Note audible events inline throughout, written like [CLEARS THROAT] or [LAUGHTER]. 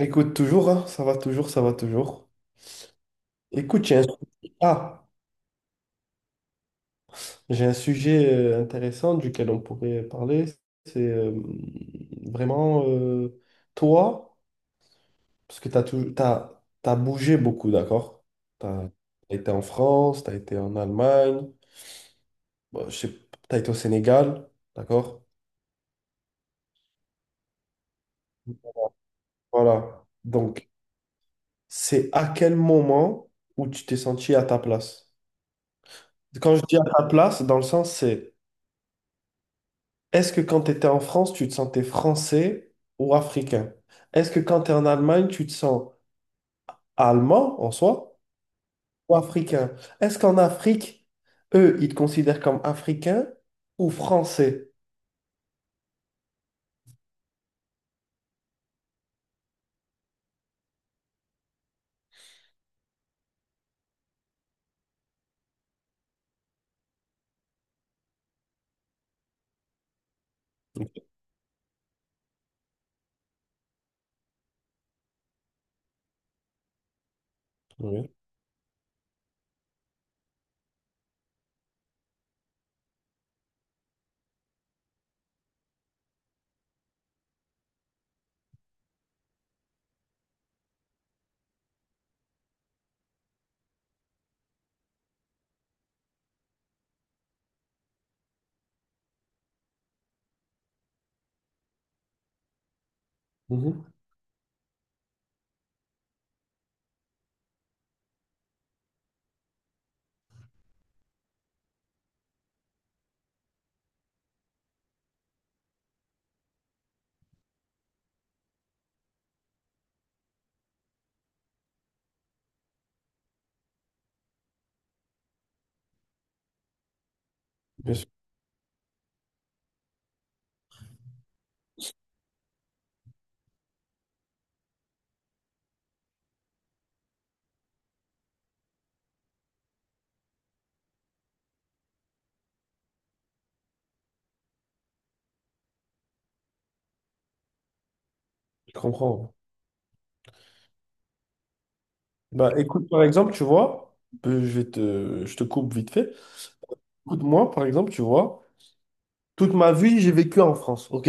Écoute, toujours, hein, ça va toujours, ça va toujours. Écoute, ah, j'ai un sujet intéressant duquel on pourrait parler. C'est vraiment toi, parce que t'as bougé beaucoup, d'accord? Tu as été en France, tu as été en Allemagne, bon, je sais, tu as été au Sénégal, d'accord? Voilà. Donc, c'est à quel moment où tu t'es senti à ta place? Quand je dis à ta place, dans le sens, c'est... Est-ce que quand tu étais en France, tu te sentais français ou africain? Est-ce que quand tu es en Allemagne, tu te sens allemand en soi ou africain? Est-ce qu'en Afrique, eux, ils te considèrent comme africain ou français? Ok, oui. Mhm. Bien sûr, je comprends. Bah, écoute, par exemple, tu vois, je vais te, je te coupe vite fait. Écoute, moi, par exemple, tu vois, toute ma vie, j'ai vécu en France, ok?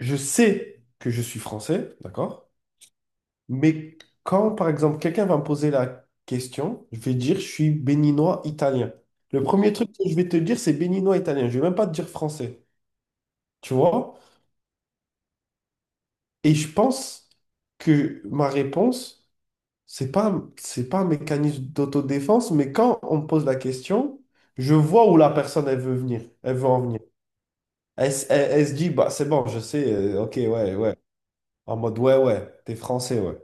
Je sais que je suis français, d'accord? Mais quand, par exemple, quelqu'un va me poser la question, je vais dire, je suis béninois italien. Le premier truc que je vais te dire, c'est béninois italien. Je vais même pas te dire français. Tu vois? Et je pense que ma réponse, c'est pas un mécanisme d'autodéfense, mais quand on me pose la question, je vois où la personne, elle veut venir. Elle veut en venir. Elle se dit, bah, c'est bon, je sais, ok, ouais, ouais. En mode, ouais, ouais, t'es français, ouais.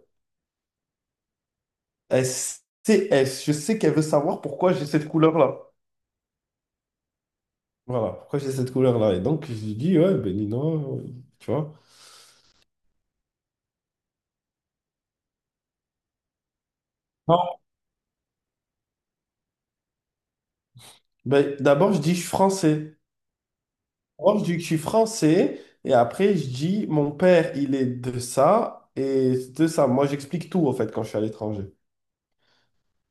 Je sais qu'elle veut savoir pourquoi j'ai cette couleur-là. Voilà, pourquoi j'ai cette couleur-là? Et donc, je dis, ouais, ben Nino, tu vois. Non. Ben, d'abord, je dis, je suis français. D'abord, je dis que je suis français. Et après, je dis, mon père, il est de ça. Et de ça, moi, j'explique tout, en fait, quand je suis à l'étranger.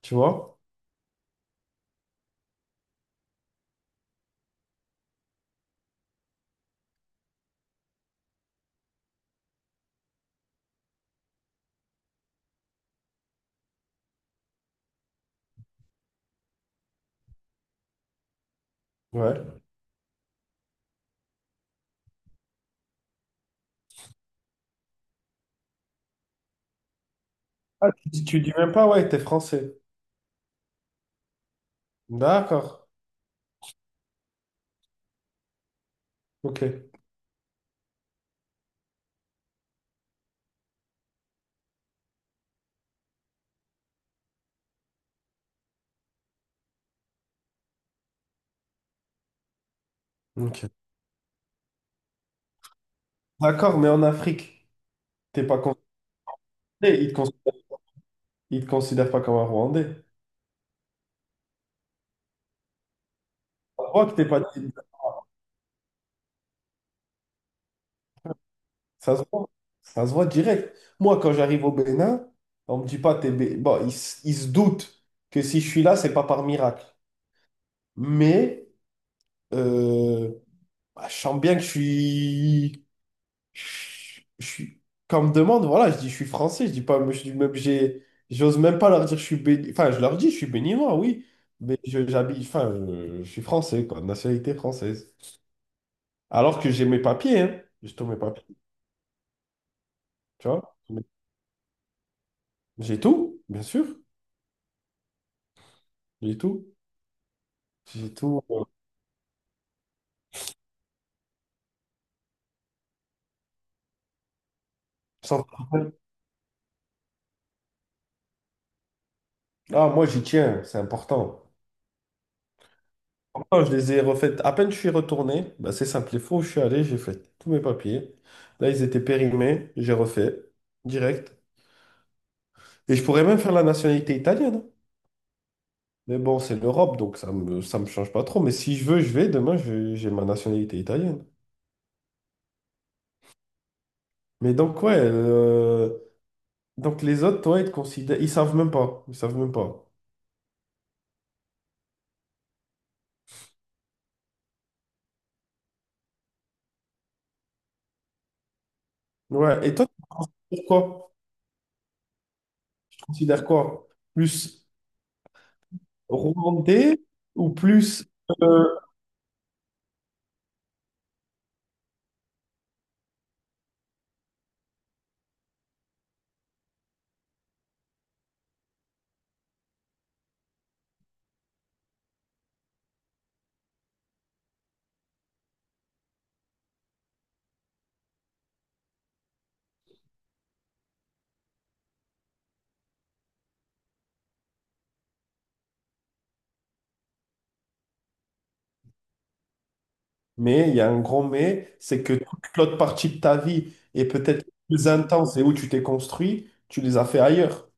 Tu vois? Ouais. Ah, tu dis même pas, ouais, t'es français. D'accord. Ok. Ok. D'accord, mais en Afrique, t'es pas considéré. Ils te considèrent pas comme un Rwandais. On voit que t'es pas. Ça se voit, ça se voit direct. Moi, quand j'arrive au Bénin, on me dit pas, bon, ils se doutent que si je suis là, c'est pas par miracle. Mais euh, bah, je sens bien que je suis... Je je suis... Quand on me demande, voilà, je dis je suis français, je dis pas, je dis même, j'ose même pas leur dire enfin, je leur dis je suis béninois, oui, mais j'habite, enfin, je suis français, quoi, de nationalité française. Alors que j'ai mes papiers, hein, j'ai tous mes papiers, tu vois. J'ai tout, bien sûr, j'ai tout. J'ai tout. Sans- Ah, moi, j'y tiens, c'est important. Pourtant, je les ai refaites. À peine je suis retourné, bah, c'est simple. Les fois où je suis allé, j'ai fait tous mes papiers. Là, ils étaient périmés, j'ai refait direct. Et je pourrais même faire la nationalité italienne. Mais bon, c'est l'Europe, donc ça me change pas trop. Mais si je veux, je vais. Demain, j'ai ma nationalité italienne. Mais donc, ouais. Donc, les autres, toi, ils te considèrent. Ils savent même pas. Ils savent même pas. Ouais. Et toi, tu considères quoi? Tu considères quoi? Plus. Remonter ou plus. euh, mais il y a un grand mais, c'est que toute l'autre partie de ta vie et peut-être plus intense et où tu t'es construit, tu les as fait ailleurs.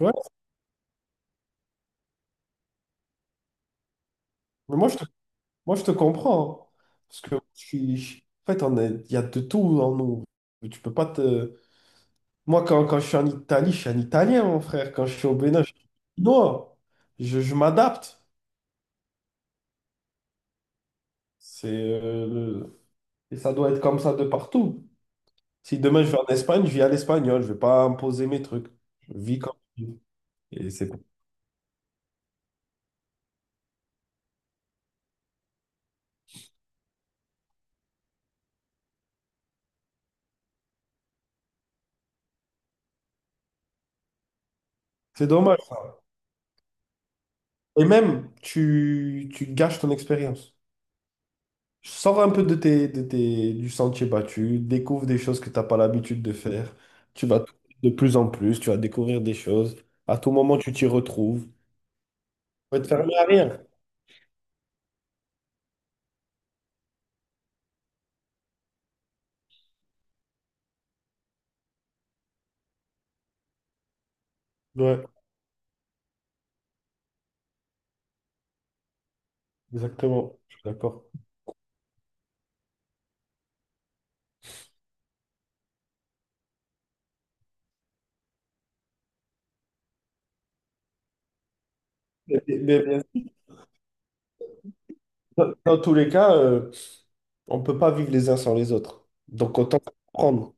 Ouais. Mais moi, je te, moi, je te comprends, hein. Parce que en fait, il y a de tout en nous. Tu peux pas te. Moi, quand je suis en Italie, je suis un Italien, mon frère. Quand je suis au Bénin, je suis chinois. Je m'adapte. C'est, euh, le- Et ça doit être comme ça de partout. Si demain je vais en Espagne, je vis à l'espagnol, je vais pas imposer mes trucs. Je vis comme je vis. Et c'est cool. C'est dommage. Et même, tu gâches ton expérience. Sors un peu de du sentier battu, découvre des choses que tu n'as pas l'habitude de faire. Tu vas de plus en plus, tu vas découvrir des choses. À tout moment, tu t'y retrouves. Tu vas te fermer à rien. Ouais, exactement. Je suis d'accord. Mais dans tous les cas, on ne peut pas vivre les uns sans les autres. Donc autant prendre.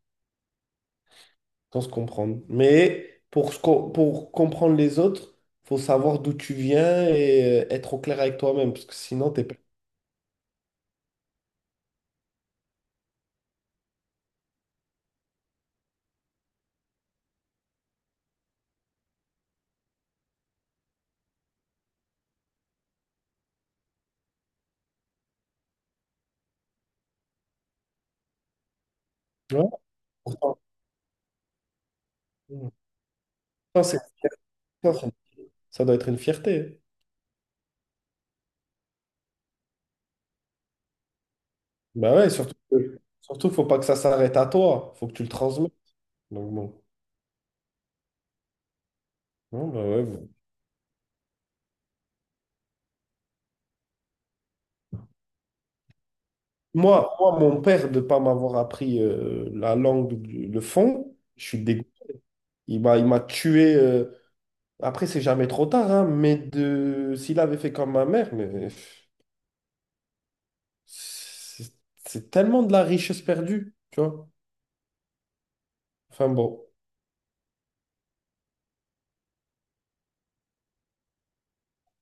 Sans se comprendre. Mais pour, pour comprendre les autres, faut savoir d'où tu viens et être au clair avec toi-même, parce que sinon, t'es pas. Tu vois. Pourtant- Pourtant, c'est- ça, ça doit être une fierté. Bah ouais, surtout, surtout, faut pas que ça s'arrête à toi. Faut que tu le transmettes. Donc bon. Non, bah ouais, vous- Moi, mon père, de pas m'avoir appris la langue, le fond, je suis dégoûté. Il m'a tué. Après, c'est jamais trop tard, hein, mais de... s'il avait fait comme ma mère, mais. C'est c'est tellement de la richesse perdue, tu vois. Enfin bon,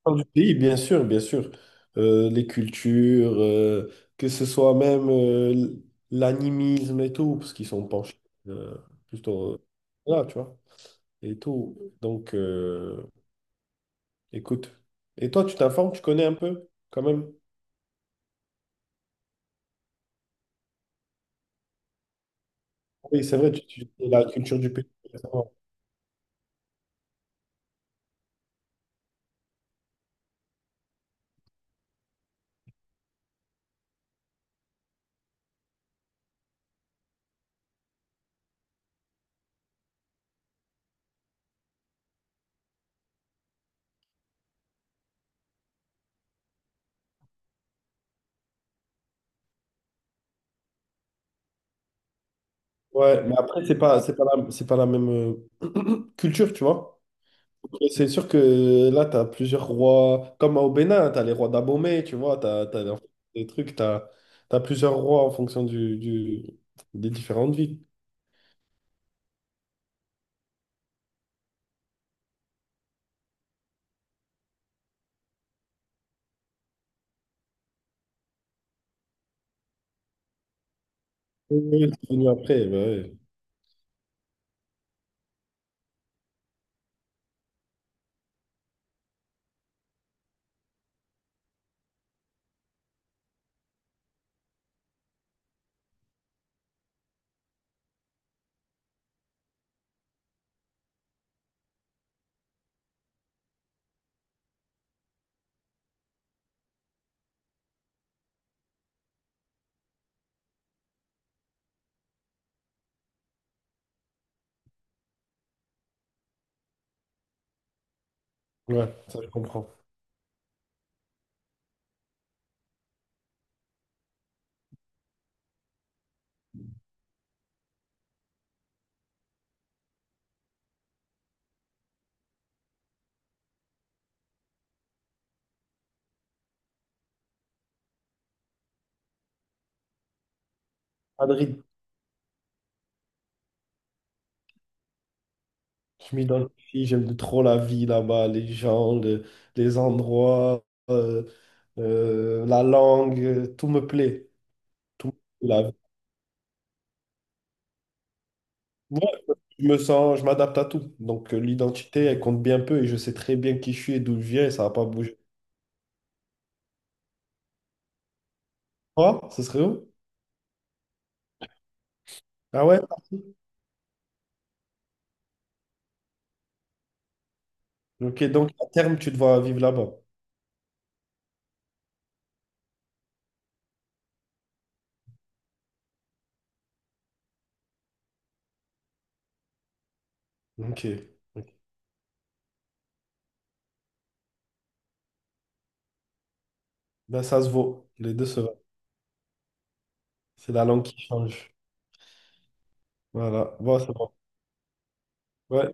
on parle du pays, bien sûr, bien sûr. Les cultures, que ce soit même l'animisme et tout, parce qu'ils sont penchés euh, plutôt là, tu vois, et tout. Donc, écoute. Et toi, tu t'informes, tu connais un peu, quand même? Oui, c'est vrai, la culture du pays. Ouais, mais après, c'est pas la même [CLEARS THROAT] culture, tu vois. Et c'est sûr que là, tu as plusieurs rois, comme au Bénin, tu as les rois d'Abomey, tu vois, tu as des trucs, tu as plusieurs rois en fonction des différentes villes. Oui, oui, c'est venu après, bah ouais. Ouais, ça je comprends. Madrid, je m'identifie, j'aime trop la vie là-bas, les gens, les endroits, euh, la langue, tout me plaît. Tout, me plaît, la vie. Ouais, je m'adapte à tout. Donc l'identité, elle compte bien peu et je sais très bien qui je suis et d'où je viens et ça va pas bouger. Quoi? Ce serait où? Ah ouais? Parti. Ok, donc à terme, tu devras vivre là-bas. Ok. Ok. Ben, ça se vaut. Les deux se valent. C'est la langue qui change. Voilà. Bon, c'est bon. Ouais.